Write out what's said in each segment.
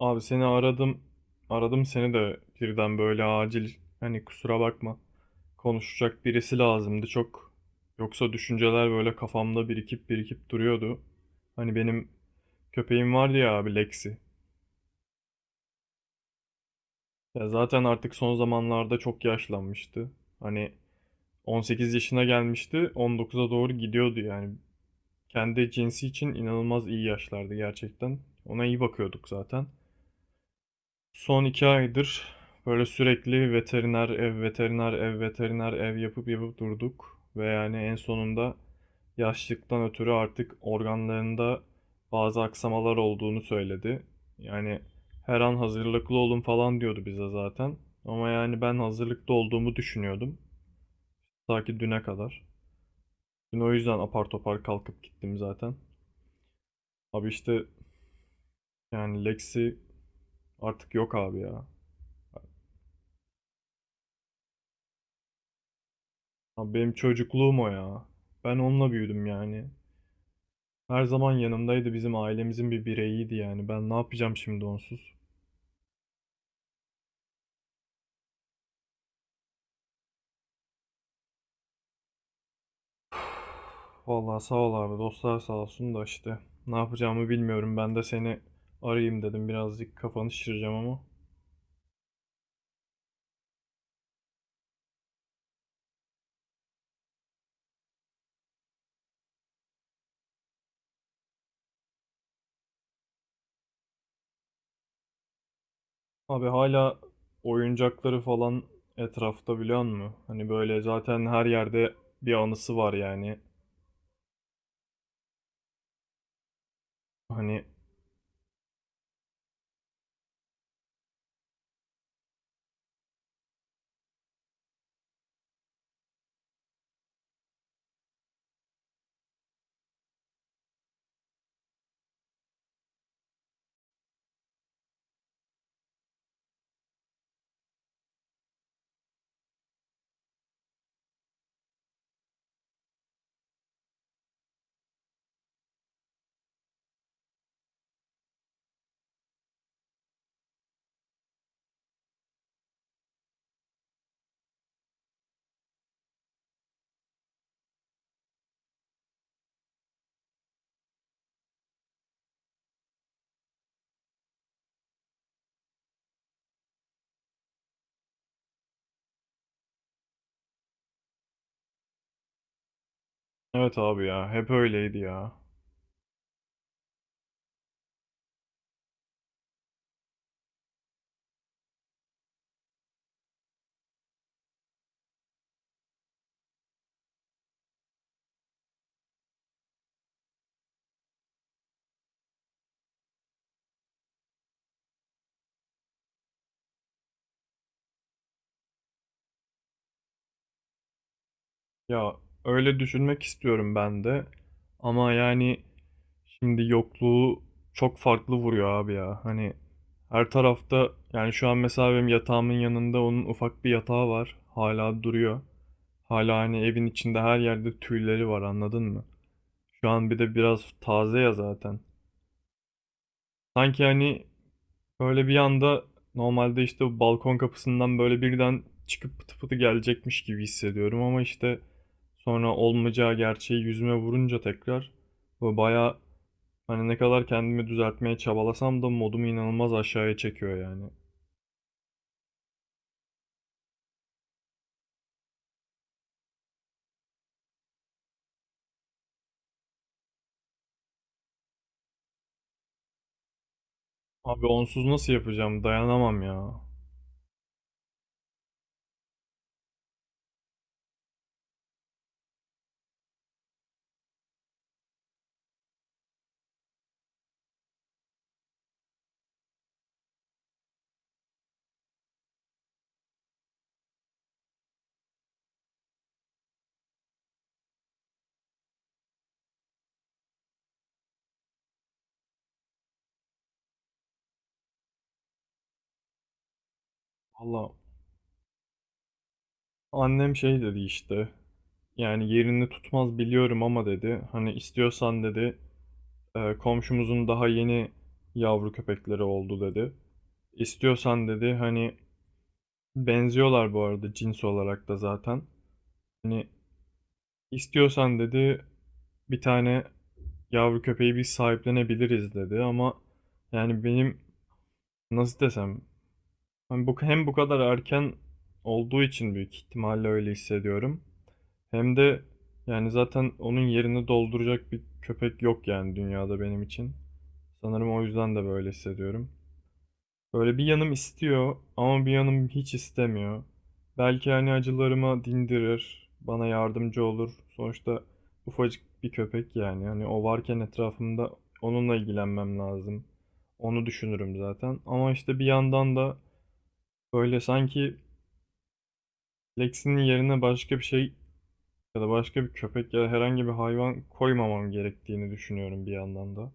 Abi seni aradım. Aradım seni de birden böyle acil hani kusura bakma. Konuşacak birisi lazımdı çok. Yoksa düşünceler böyle kafamda birikip birikip duruyordu. Hani benim köpeğim vardı ya abi Lexi. Ya zaten artık son zamanlarda çok yaşlanmıştı. Hani 18 yaşına gelmişti, 19'a doğru gidiyordu yani. Kendi cinsi için inanılmaz iyi yaşlardı gerçekten. Ona iyi bakıyorduk zaten. Son iki aydır böyle sürekli veteriner ev, veteriner ev, veteriner ev yapıp yapıp durduk. Ve yani en sonunda yaşlıktan ötürü artık organlarında bazı aksamalar olduğunu söyledi. Yani her an hazırlıklı olun falan diyordu bize zaten. Ama yani ben hazırlıklı olduğumu düşünüyordum. Ta ki düne kadar. Dün o yüzden apar topar kalkıp gittim zaten. Abi işte yani Lexi artık yok abi ya. Abi benim çocukluğum o ya. Ben onunla büyüdüm yani. Her zaman yanımdaydı, bizim ailemizin bir bireyiydi yani. Ben ne yapacağım şimdi onsuz? Vallahi sağ ol abi, dostlar sağ olsun da işte ne yapacağımı bilmiyorum. Ben de seni arayayım dedim, birazcık kafanı şişireceğim ama. Abi hala oyuncakları falan etrafta, biliyor musun? Hani böyle zaten her yerde bir anısı var yani. Hani evet abi ya, hep öyleydi ya. Ya öyle düşünmek istiyorum ben de. Ama yani şimdi yokluğu çok farklı vuruyor abi ya. Hani her tarafta, yani şu an mesela benim yatağımın yanında onun ufak bir yatağı var. Hala duruyor. Hala hani evin içinde her yerde tüyleri var, anladın mı? Şu an bir de biraz taze ya zaten. Sanki hani böyle bir anda, normalde işte bu balkon kapısından böyle birden çıkıp pıtı pıtı gelecekmiş gibi hissediyorum, ama işte sonra olmayacağı gerçeği yüzüme vurunca tekrar bu bayağı hani ne kadar kendimi düzeltmeye çabalasam da modumu inanılmaz aşağıya çekiyor yani. Abi onsuz nasıl yapacağım? Dayanamam ya. Valla annem şey dedi işte. Yani yerini tutmaz biliyorum ama dedi. Hani istiyorsan dedi. Komşumuzun daha yeni yavru köpekleri oldu dedi. İstiyorsan dedi hani, benziyorlar bu arada cins olarak da zaten. Hani istiyorsan dedi bir tane yavru köpeği biz sahiplenebiliriz dedi ama yani benim, nasıl desem? Hani bu, hem bu kadar erken olduğu için büyük ihtimalle öyle hissediyorum. Hem de yani zaten onun yerini dolduracak bir köpek yok yani dünyada benim için. Sanırım o yüzden de böyle hissediyorum. Böyle bir yanım istiyor ama bir yanım hiç istemiyor. Belki hani acılarıma dindirir, bana yardımcı olur. Sonuçta ufacık bir köpek yani. Hani o varken etrafımda onunla ilgilenmem lazım. Onu düşünürüm zaten. Ama işte bir yandan da böyle sanki Lexi'nin yerine başka bir şey ya da başka bir köpek ya da herhangi bir hayvan koymamam gerektiğini düşünüyorum bir yandan da.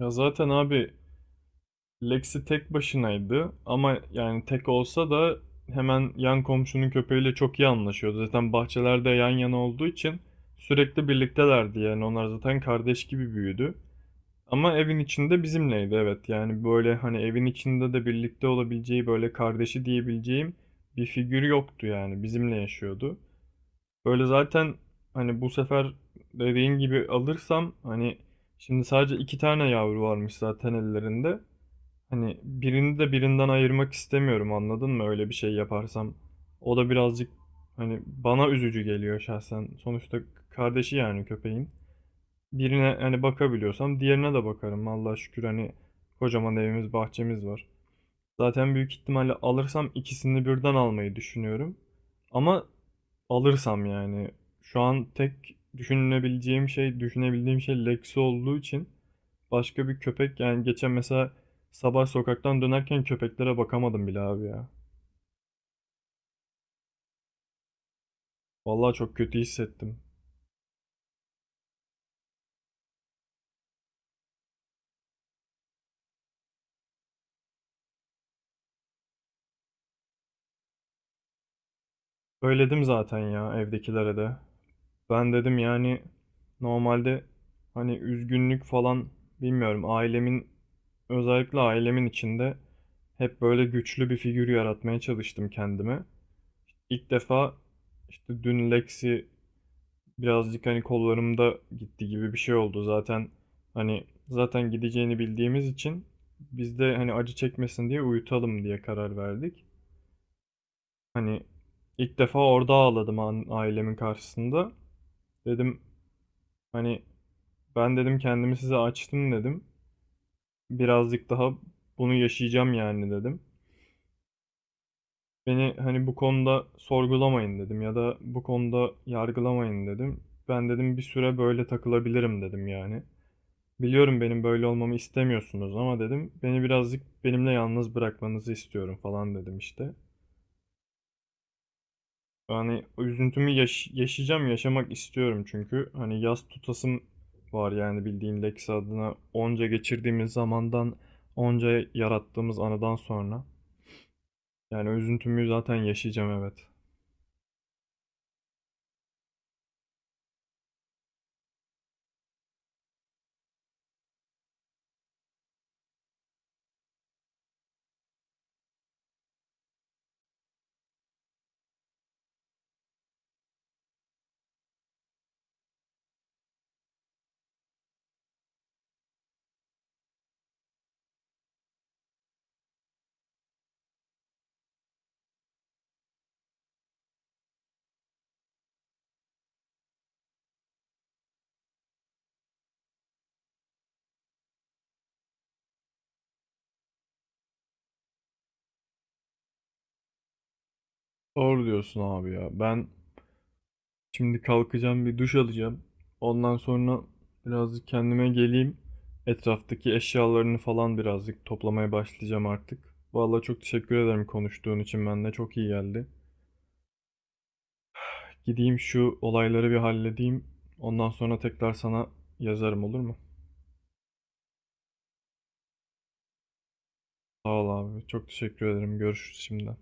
Ya zaten abi Lexi tek başınaydı ama yani tek olsa da hemen yan komşunun köpeğiyle çok iyi anlaşıyordu. Zaten bahçelerde yan yana olduğu için sürekli birliktelerdi yani, onlar zaten kardeş gibi büyüdü. Ama evin içinde bizimleydi evet. Yani böyle hani evin içinde de birlikte olabileceği böyle kardeşi diyebileceğim bir figür yoktu yani. Bizimle yaşıyordu. Böyle zaten hani bu sefer dediğin gibi alırsam, hani şimdi sadece iki tane yavru varmış zaten ellerinde. Hani birini de birinden ayırmak istemiyorum, anladın mı? Öyle bir şey yaparsam. O da birazcık hani bana üzücü geliyor şahsen. Sonuçta kardeşi yani köpeğin. Birine hani bakabiliyorsam diğerine de bakarım. Allah'a şükür hani kocaman evimiz, bahçemiz var. Zaten büyük ihtimalle alırsam ikisini birden almayı düşünüyorum. Ama alırsam yani, şu an tek düşünebileceğim şey, düşünebildiğim şey Lexi olduğu için başka bir köpek, yani geçen mesela sabah sokaktan dönerken köpeklere bakamadım bile abi ya. Vallahi çok kötü hissettim. Söyledim zaten ya evdekilere de. Ben dedim yani normalde hani üzgünlük falan bilmiyorum, ailemin, özellikle ailemin içinde hep böyle güçlü bir figür yaratmaya çalıştım kendime. İlk defa işte dün Lexi birazcık hani kollarımda gitti gibi bir şey oldu zaten, hani zaten gideceğini bildiğimiz için biz de hani acı çekmesin diye uyutalım diye karar verdik. Hani ilk defa orada ağladım ailemin karşısında. Dedim hani, ben dedim kendimi size açtım dedim. Birazcık daha bunu yaşayacağım yani dedim. Beni hani bu konuda sorgulamayın dedim ya da bu konuda yargılamayın dedim. Ben dedim bir süre böyle takılabilirim dedim yani. Biliyorum benim böyle olmamı istemiyorsunuz ama dedim, beni birazcık benimle yalnız bırakmanızı istiyorum falan dedim işte. Yani o üzüntümü yaşayacağım, yaşamak istiyorum çünkü. Hani yaz tutasım var yani bildiğin, Lex adına onca geçirdiğimiz zamandan, onca yarattığımız anıdan sonra. Yani o üzüntümü zaten yaşayacağım, evet. Doğru diyorsun abi ya. Ben şimdi kalkacağım, bir duş alacağım. Ondan sonra birazcık kendime geleyim. Etraftaki eşyalarını falan birazcık toplamaya başlayacağım artık. Vallahi çok teşekkür ederim konuştuğun için. Ben de çok iyi geldi. Gideyim şu olayları bir halledeyim. Ondan sonra tekrar sana yazarım, olur mu? Sağ ol abi. Çok teşekkür ederim. Görüşürüz şimdiden.